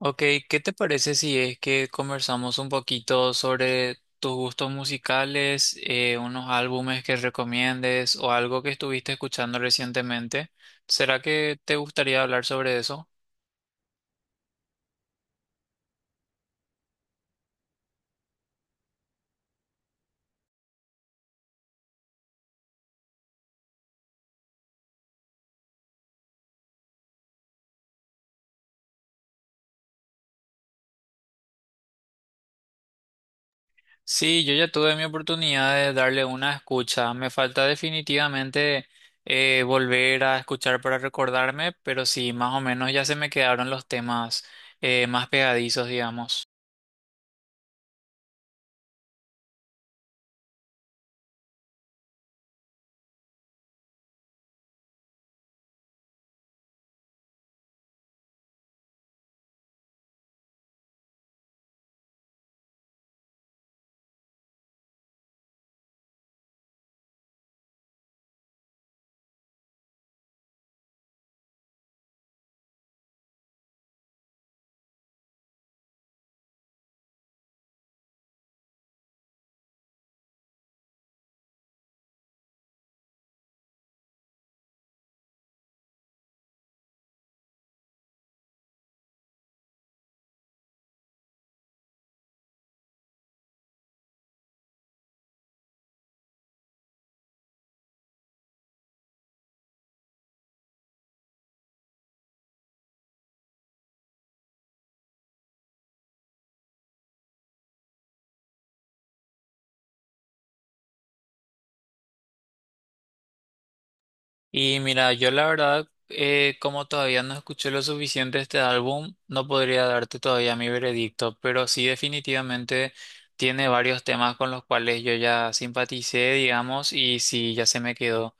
Ok, ¿qué te parece si es que conversamos un poquito sobre tus gustos musicales, unos álbumes que recomiendes o algo que estuviste escuchando recientemente? ¿Será que te gustaría hablar sobre eso? Sí, yo ya tuve mi oportunidad de darle una escucha. Me falta definitivamente volver a escuchar para recordarme, pero sí, más o menos ya se me quedaron los temas más pegadizos, digamos. Y mira, yo la verdad, como todavía no escuché lo suficiente de este álbum, no podría darte todavía mi veredicto, pero sí definitivamente tiene varios temas con los cuales yo ya simpaticé, digamos, y sí, ya se me quedó.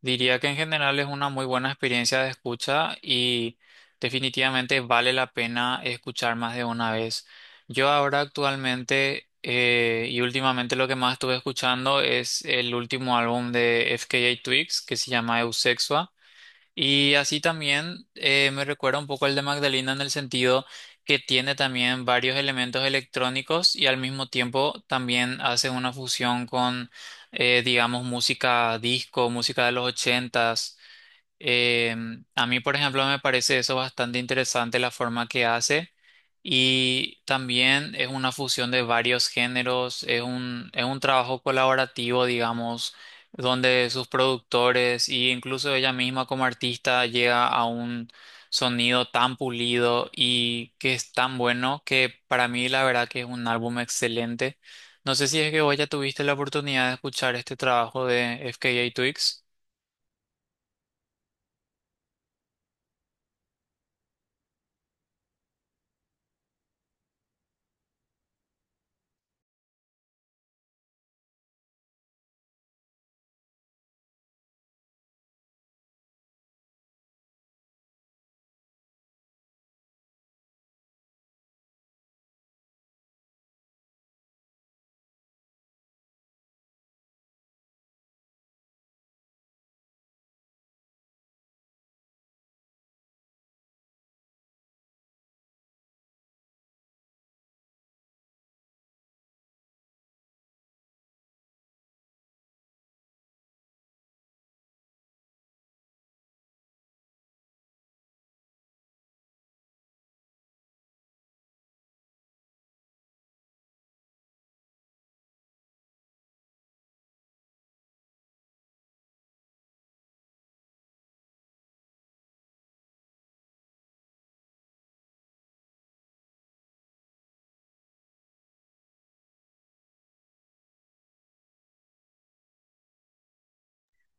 Diría que en general es una muy buena experiencia de escucha y definitivamente vale la pena escuchar más de una vez. Yo ahora actualmente y últimamente lo que más estuve escuchando es el último álbum de FKA Twigs, que se llama Eusexia. Y así también, me recuerda un poco el de Magdalena, en el sentido que tiene también varios elementos electrónicos y al mismo tiempo también hace una fusión con, digamos, música disco, música de los ochentas. eh, a mí, por ejemplo, me parece eso bastante interesante, la forma que hace, y también es una fusión de varios géneros. Es un trabajo colaborativo, digamos, donde sus productores e incluso ella misma como artista llega a un sonido tan pulido y que es tan bueno que para mí la verdad que es un álbum excelente. No sé si es que vos ya tuviste la oportunidad de escuchar este trabajo de FKA Twigs.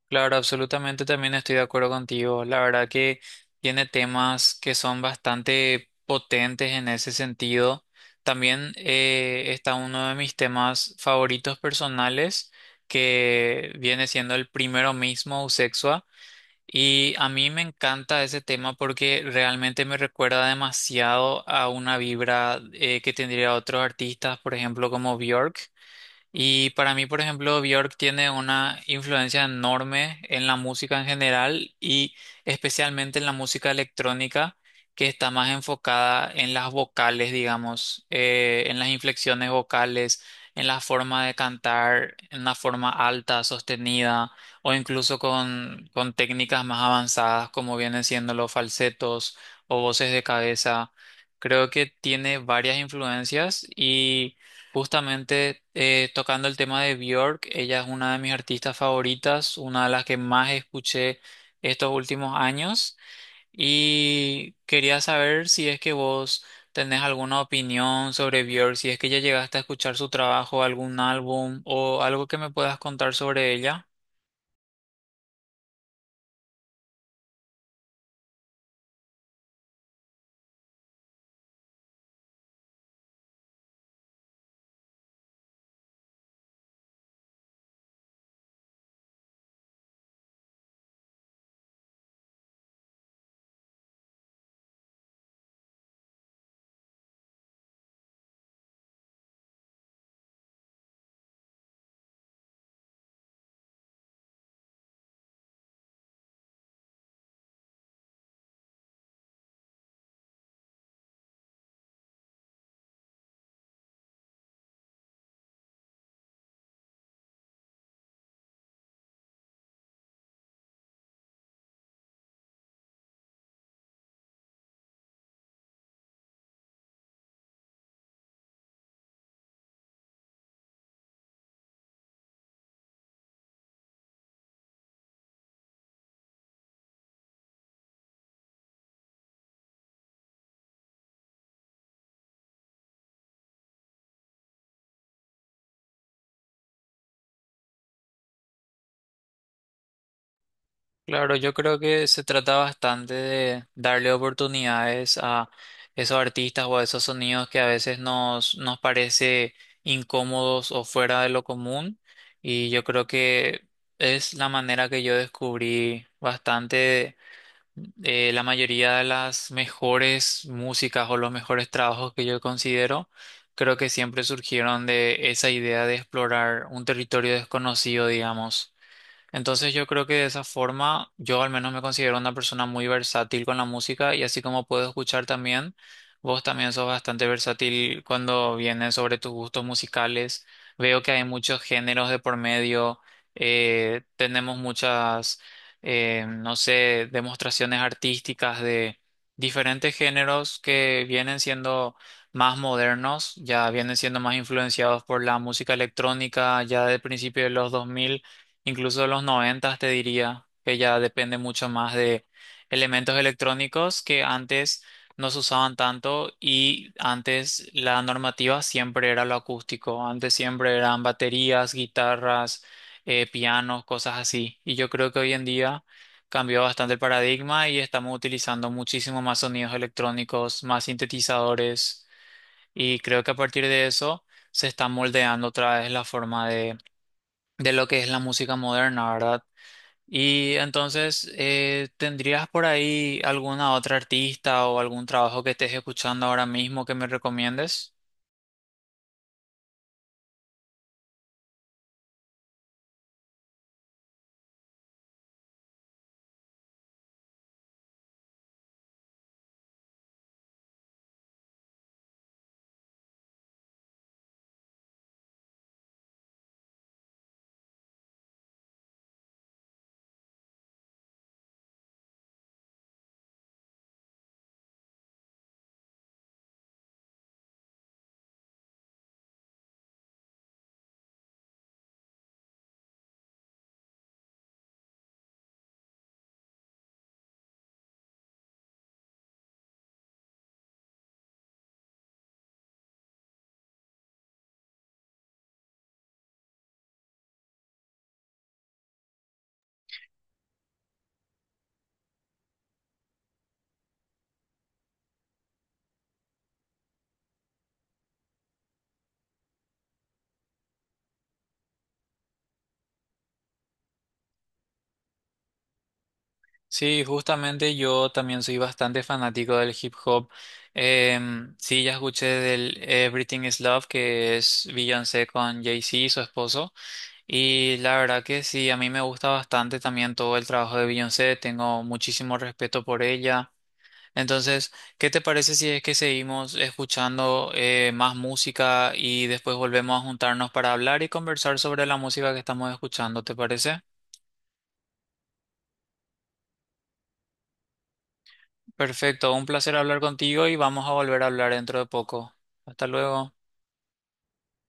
Claro, absolutamente también estoy de acuerdo contigo. La verdad que tiene temas que son bastante potentes en ese sentido. También, está uno de mis temas favoritos personales, que viene siendo el primero mismo, Usexua. Y a mí me encanta ese tema porque realmente me recuerda demasiado a una vibra que tendría otros artistas, por ejemplo, como Björk. Y para mí, por ejemplo, Björk tiene una influencia enorme en la música en general y especialmente en la música electrónica, que está más enfocada en las vocales, digamos, en las inflexiones vocales, en la forma de cantar, en la forma alta, sostenida, o incluso con técnicas más avanzadas, como vienen siendo los falsetos o voces de cabeza. Creo que tiene varias influencias. Y. Justamente, tocando el tema de Björk, ella es una de mis artistas favoritas, una de las que más escuché estos últimos años, y quería saber si es que vos tenés alguna opinión sobre Björk, si es que ya llegaste a escuchar su trabajo, algún álbum o algo que me puedas contar sobre ella. Claro, yo creo que se trata bastante de darle oportunidades a esos artistas o a esos sonidos que a veces nos parece incómodos o fuera de lo común. Y yo creo que es la manera que yo descubrí bastante, la mayoría de las mejores músicas o los mejores trabajos que yo considero. Creo que siempre surgieron de esa idea de explorar un territorio desconocido, digamos. Entonces yo creo que de esa forma yo al menos me considero una persona muy versátil con la música, y así como puedo escuchar también, vos también sos bastante versátil cuando viene sobre tus gustos musicales. Veo que hay muchos géneros de por medio. Tenemos muchas, no sé, demostraciones artísticas de diferentes géneros, que vienen siendo más modernos, ya vienen siendo más influenciados por la música electrónica ya de principios de los 2000, incluso los noventas, te diría que ya depende mucho más de elementos electrónicos que antes no se usaban tanto, y antes la normativa siempre era lo acústico, antes siempre eran baterías, guitarras, pianos, cosas así. Y yo creo que hoy en día cambió bastante el paradigma y estamos utilizando muchísimo más sonidos electrónicos, más sintetizadores, y creo que a partir de eso se está moldeando otra vez la forma de lo que es la música moderna, ¿verdad? Y entonces, ¿tendrías por ahí alguna otra artista o algún trabajo que estés escuchando ahora mismo que me recomiendes? Sí, justamente yo también soy bastante fanático del hip hop. Sí, ya escuché del Everything is Love, que es Beyoncé con Jay-Z, y su esposo. Y la verdad que sí, a mí me gusta bastante también todo el trabajo de Beyoncé. Tengo muchísimo respeto por ella. Entonces, ¿qué te parece si es que seguimos escuchando más música y después volvemos a juntarnos para hablar y conversar sobre la música que estamos escuchando? ¿Te parece? Perfecto, un placer hablar contigo y vamos a volver a hablar dentro de poco. Hasta luego.